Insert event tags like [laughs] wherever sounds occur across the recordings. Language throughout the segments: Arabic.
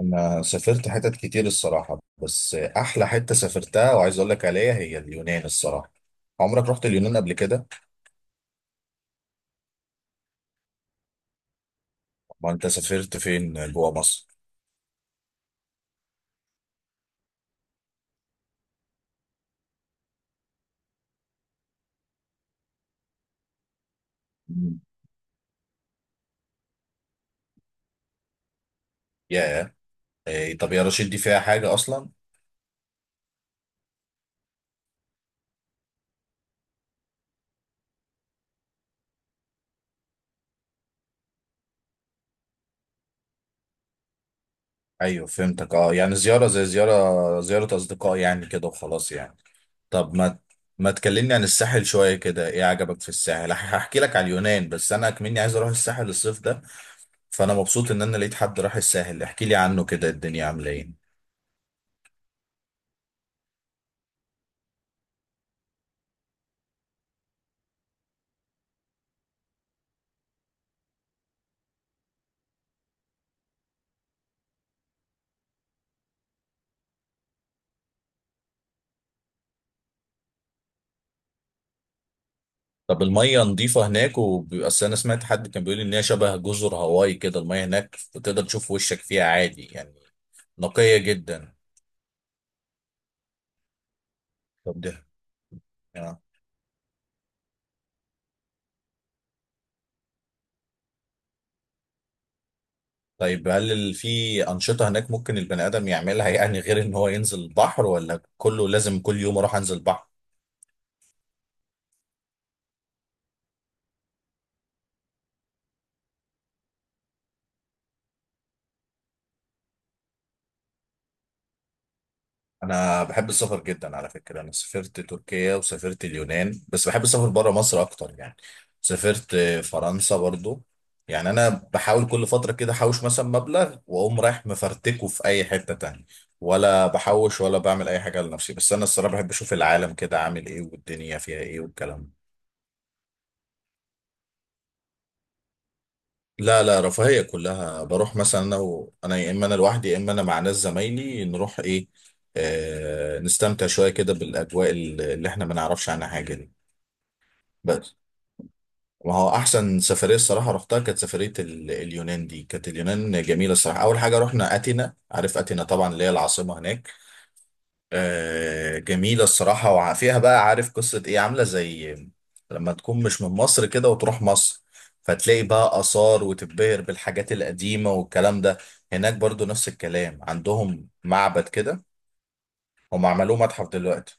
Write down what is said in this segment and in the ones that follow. انا سافرت حتت كتير الصراحه، بس احلى حته سافرتها وعايز اقول لك عليها هي اليونان الصراحه. عمرك رحت اليونان قبل كده؟ ما انت سافرت فين جوه مصر؟ مم. يا إيه؟ طب يا رشيد دي فيها حاجه اصلا؟ ايوه فهمتك. اه، يعني زياره، زي زياره اصدقاء يعني كده وخلاص يعني. طب ما تكلمني عن الساحل شويه كده؟ ايه عجبك في الساحل؟ هحكي لك على اليونان، بس انا كمني عايز اروح الساحل الصيف ده، فانا مبسوط ان انا لقيت حد راح الساحل احكي لي عنه كده الدنيا عامله ايه. طب المية نظيفة هناك؟ وبيبقى، أصل أنا سمعت حد كان بيقول إن هي شبه جزر هاواي كده، المية هناك وتقدر تشوف وشك فيها عادي يعني. نقية جدا. طب ده آه. طيب، هل في أنشطة هناك ممكن البني آدم يعملها، يعني غير إن هو ينزل البحر، ولا كله لازم كل يوم أروح أنزل البحر؟ انا بحب السفر جدا على فكره. انا سافرت تركيا وسافرت اليونان، بس بحب السفر بره مصر اكتر يعني. سافرت فرنسا برضو. يعني انا بحاول كل فتره كده احوش مثلا مبلغ واقوم رايح مفرتكه في اي حته تانية، ولا بحوش ولا بعمل اي حاجه لنفسي، بس انا الصراحه بحب اشوف العالم كده عامل ايه والدنيا فيها ايه والكلام ده. لا لا، رفاهيه كلها. بروح مثلا انا، يا اما انا لوحدي يا اما انا مع ناس زمايلي، نروح نستمتع شويه كده بالاجواء اللي احنا ما نعرفش عنها حاجه دي. بس ما هو احسن سفريه الصراحه رحتها كانت سفريه اليونان. دي كانت اليونان جميله الصراحه. اول حاجه رحنا اثينا، عارف اثينا طبعا اللي هي العاصمه هناك. آه، جميله الصراحه، وفيها بقى، عارف قصه ايه؟ عامله زي لما تكون مش من مصر كده وتروح مصر، فتلاقي بقى اثار وتتبهر بالحاجات القديمه والكلام ده. هناك برضو نفس الكلام، عندهم معبد كده، هم عملوه متحف دلوقتي.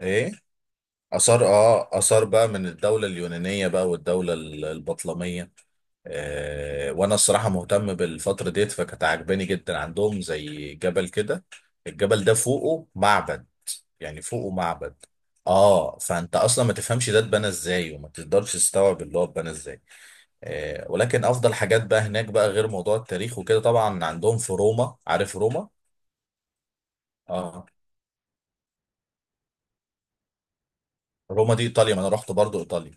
ايه، آثار، آثار بقى من الدولة اليونانية بقى، والدولة البطلمية. آه، وأنا الصراحة مهتم بالفترة ديت، فكانت عاجباني جدا. عندهم زي جبل كده، الجبل ده فوقه معبد، يعني فوقه معبد. آه، فأنت أصلا ما تفهمش ده اتبنى إزاي، وما تقدرش تستوعب اللي هو اتبنى إزاي. آه، ولكن أفضل حاجات بقى هناك بقى، غير موضوع التاريخ وكده طبعا، عندهم في روما. عارف روما؟ آه، روما دي إيطاليا، ما أنا رحت برضو إيطاليا.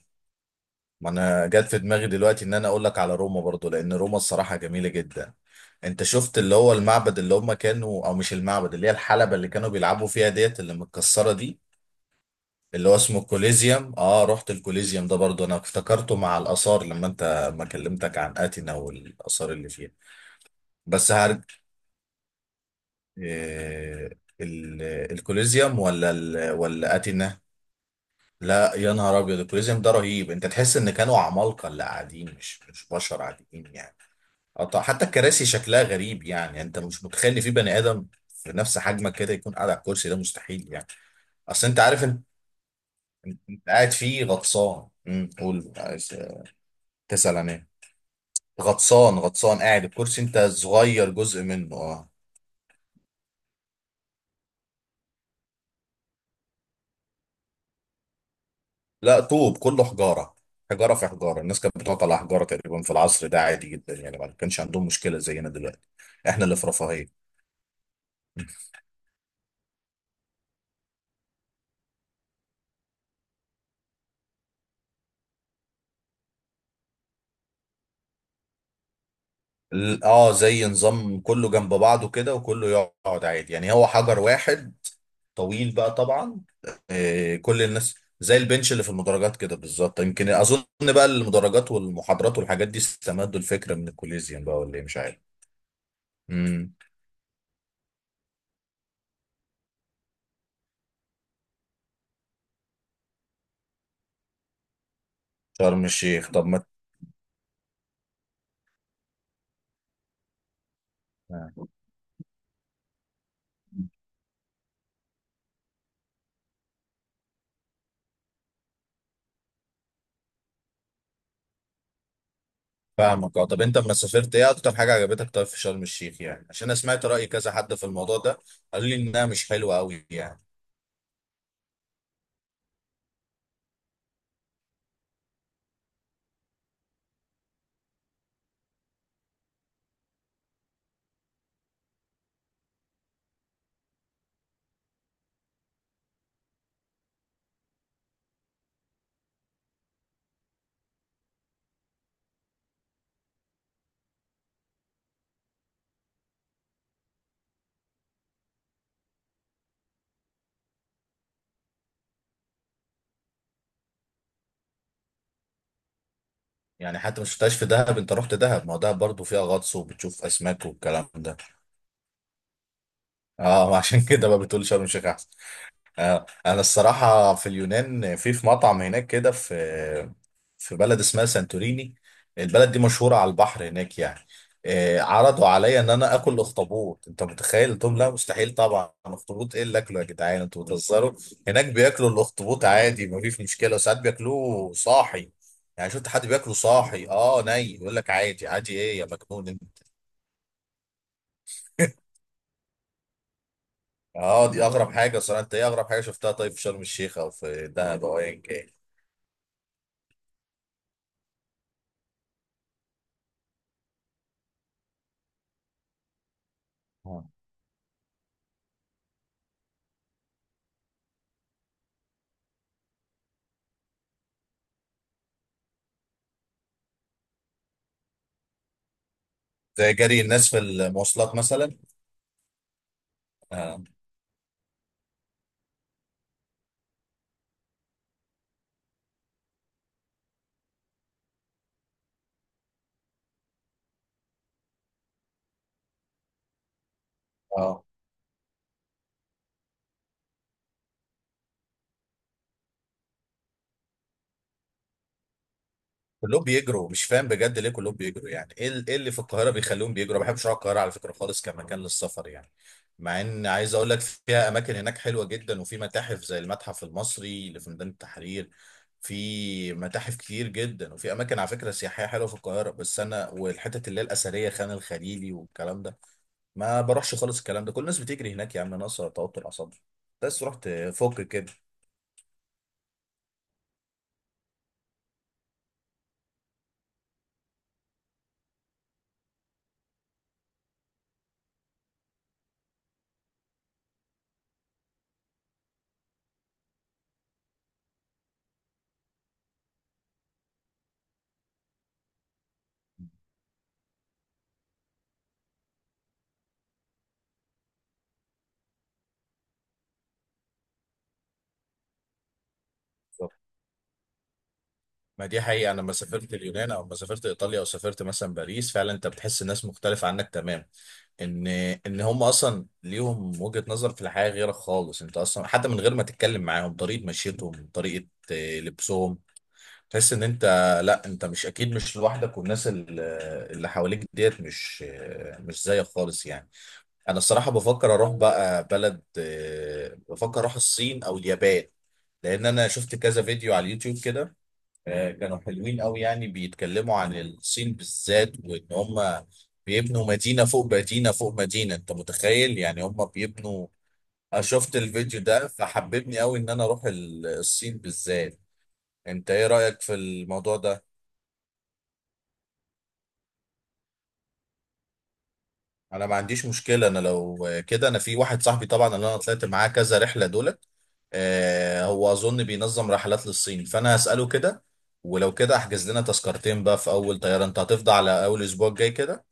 ما انا جات في دماغي دلوقتي ان انا اقول لك على روما برضو، لان روما الصراحه جميله جدا. انت شفت اللي هو المعبد اللي هم كانوا، او مش المعبد، اللي هي الحلبه اللي كانوا بيلعبوا فيها ديت اللي متكسره دي، اللي هو اسمه الكوليزيوم؟ اه، رحت الكوليزيوم ده برضو. انا افتكرته مع الاثار لما انت ما كلمتك عن اتينا والاثار اللي فيها. بس هرج. آه، ال- الكوليزيوم ولا اتينا؟ لا يا نهار ابيض، الكوليزيوم ده رهيب، انت تحس ان كانوا عمالقه اللي قاعدين، مش بشر عاديين يعني. اه طبعا، حتى الكراسي شكلها غريب. يعني انت مش متخيل ان في بني ادم في نفس حجمك كده يكون قاعد على الكرسي ده، مستحيل يعني. اصل انت عارف، انت قاعد فيه غطسان. قول، عايز تسال عن ايه؟ غطسان، غطسان قاعد الكرسي انت صغير جزء منه، اه. لا، طوب كله، حجاره. حجاره في حجاره، الناس كانت بتقعد على حجاره تقريبا في العصر ده عادي جدا، يعني ما كانش عندهم مشكله زينا دلوقتي. احنا اللي في رفاهيه. اه زي نظام كله جنب بعضه كده، وكله يقعد عادي، يعني هو حجر واحد طويل بقى طبعا. آه، كل الناس زي البنش اللي في المدرجات كده بالظبط. يمكن اظن بقى المدرجات والمحاضرات والحاجات دي استمدوا الفكره من الكوليزيوم بقى، ولا إيه، مش عارف. امم، شرم الشيخ، طب ما آه، فاهمك. اه، طب انت لما سافرت ايه اكتر حاجه عجبتك طيب في شرم الشيخ؟ يعني عشان انا سمعت راي كذا حد في الموضوع ده، قالوا لي انها مش حلوه قوي يعني. يعني حتى ما شفتهاش في دهب؟ انت رحت دهب، ما هو دهب برضه فيها غطس وبتشوف اسماك والكلام ده. اه [laughs] عشان كده بقى بتقول شرم الشيخ احسن. آه، انا الصراحه في اليونان، في في مطعم هناك كده، في في بلد اسمها سانتوريني. البلد دي مشهوره على البحر هناك يعني. آه، عرضوا عليا ان انا اكل اخطبوط. انت متخيل؟ قلت لهم لا مستحيل طبعا، اخطبوط ايه اللي اكله يا جدعان، انتوا بتهزروا. هناك بياكلوا الاخطبوط عادي، ما فيش مشكله، وساعات بياكلوه صاحي. يعني شفت حد بياكله صاحي؟ اه ني، يقول لك عادي. عادي ايه يا مجنون انت؟ اه، دي اغرب حاجه صراحه. انت ايه اغرب حاجه شفتها طيب في شرم الشيخ او في دهب او ايا كان؟ زي جري الناس في المواصلات مثلا. اه، آه. كلهم بيجروا، مش فاهم بجد ليه كلهم بيجروا. يعني ايه إيه اللي في القاهره بيخليهم بيجروا؟ ما بحبش اروح القاهره على فكره خالص كمكان للسفر يعني. مع ان عايز اقول لك فيها اماكن هناك حلوه جدا، وفي متاحف زي المتحف المصري اللي في ميدان التحرير، في متاحف كتير جدا، وفي اماكن على فكره سياحيه حلوه في القاهره. بس انا والحتت اللي هي الاثريه، خان الخليلي والكلام ده، ما بروحش خالص. الكلام ده كل الناس بتجري هناك، يا عم ناقصه توتر اعصاب. بس رحت فوق كده. ما دي حقيقة، أنا لما سافرت اليونان أو لما سافرت إيطاليا أو سافرت مثلا باريس، فعلا أنت بتحس الناس مختلفة عنك تمام. إن إن هم أصلا ليهم وجهة نظر في الحياة غيرك خالص. أنت أصلا حتى من غير ما تتكلم معاهم، طريقة مشيتهم، طريقة لبسهم، تحس إن أنت، لا أنت مش، أكيد مش لوحدك، والناس اللي حواليك ديت مش مش زيك خالص يعني. أنا الصراحة بفكر أروح بقى بلد، آه، بفكر أروح الصين أو اليابان، لأن أنا شفت كذا فيديو على اليوتيوب كده. آه، كانوا حلوين قوي يعني بيتكلموا عن الصين بالذات، وان هم بيبنوا مدينة فوق مدينة فوق مدينة. انت متخيل؟ يعني هم بيبنوا. أنا شفت الفيديو ده، فحببني قوي ان انا اروح الصين بالذات. انت ايه رأيك في الموضوع ده؟ انا ما عنديش مشكلة. انا لو كده، انا في واحد صاحبي طبعا اللي انا طلعت معاه كذا رحلة دولت. آه، هو اظن بينظم رحلات للصين، فانا هسأله كده، ولو كده احجز لنا تذكرتين بقى في اول طيارة. انت هتفضى على اول اسبوع الجاي كده؟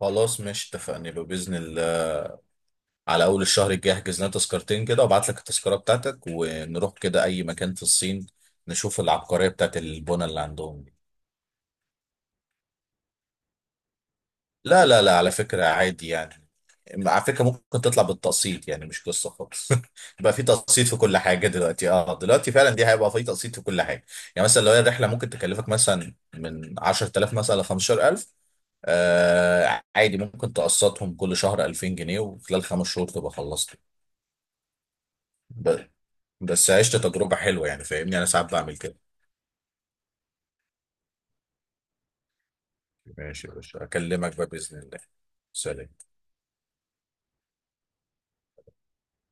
خلاص ماشي اتفقنا. لو باذن الله على اول الشهر الجاي احجز لنا تذكرتين كده، وابعت لك التذكره بتاعتك، ونروح كده اي مكان في الصين، نشوف العبقريه بتاعت البنى اللي عندهم دي. لا لا لا، على فكره عادي يعني. على فكره ممكن تطلع بالتقسيط، يعني مش قصه خالص. [laughs] بقى في تقسيط في كل حاجه دلوقتي. اه دلوقتي فعلا، دي هيبقى في تقسيط في كل حاجه. يعني مثلا لو هي الرحله ممكن تكلفك مثلا من 10,000 مثلا ل 15,000، آه عادي ممكن تقسطهم كل شهر 2,000 جنيه، وخلال 5 شهور تبقى خلصت. ب- بس عشت تجربة حلوة يعني، فاهمني أنا ساعات بعمل كده. ماشي يا باشا، أكلمك بقى بإذن الله. سلام.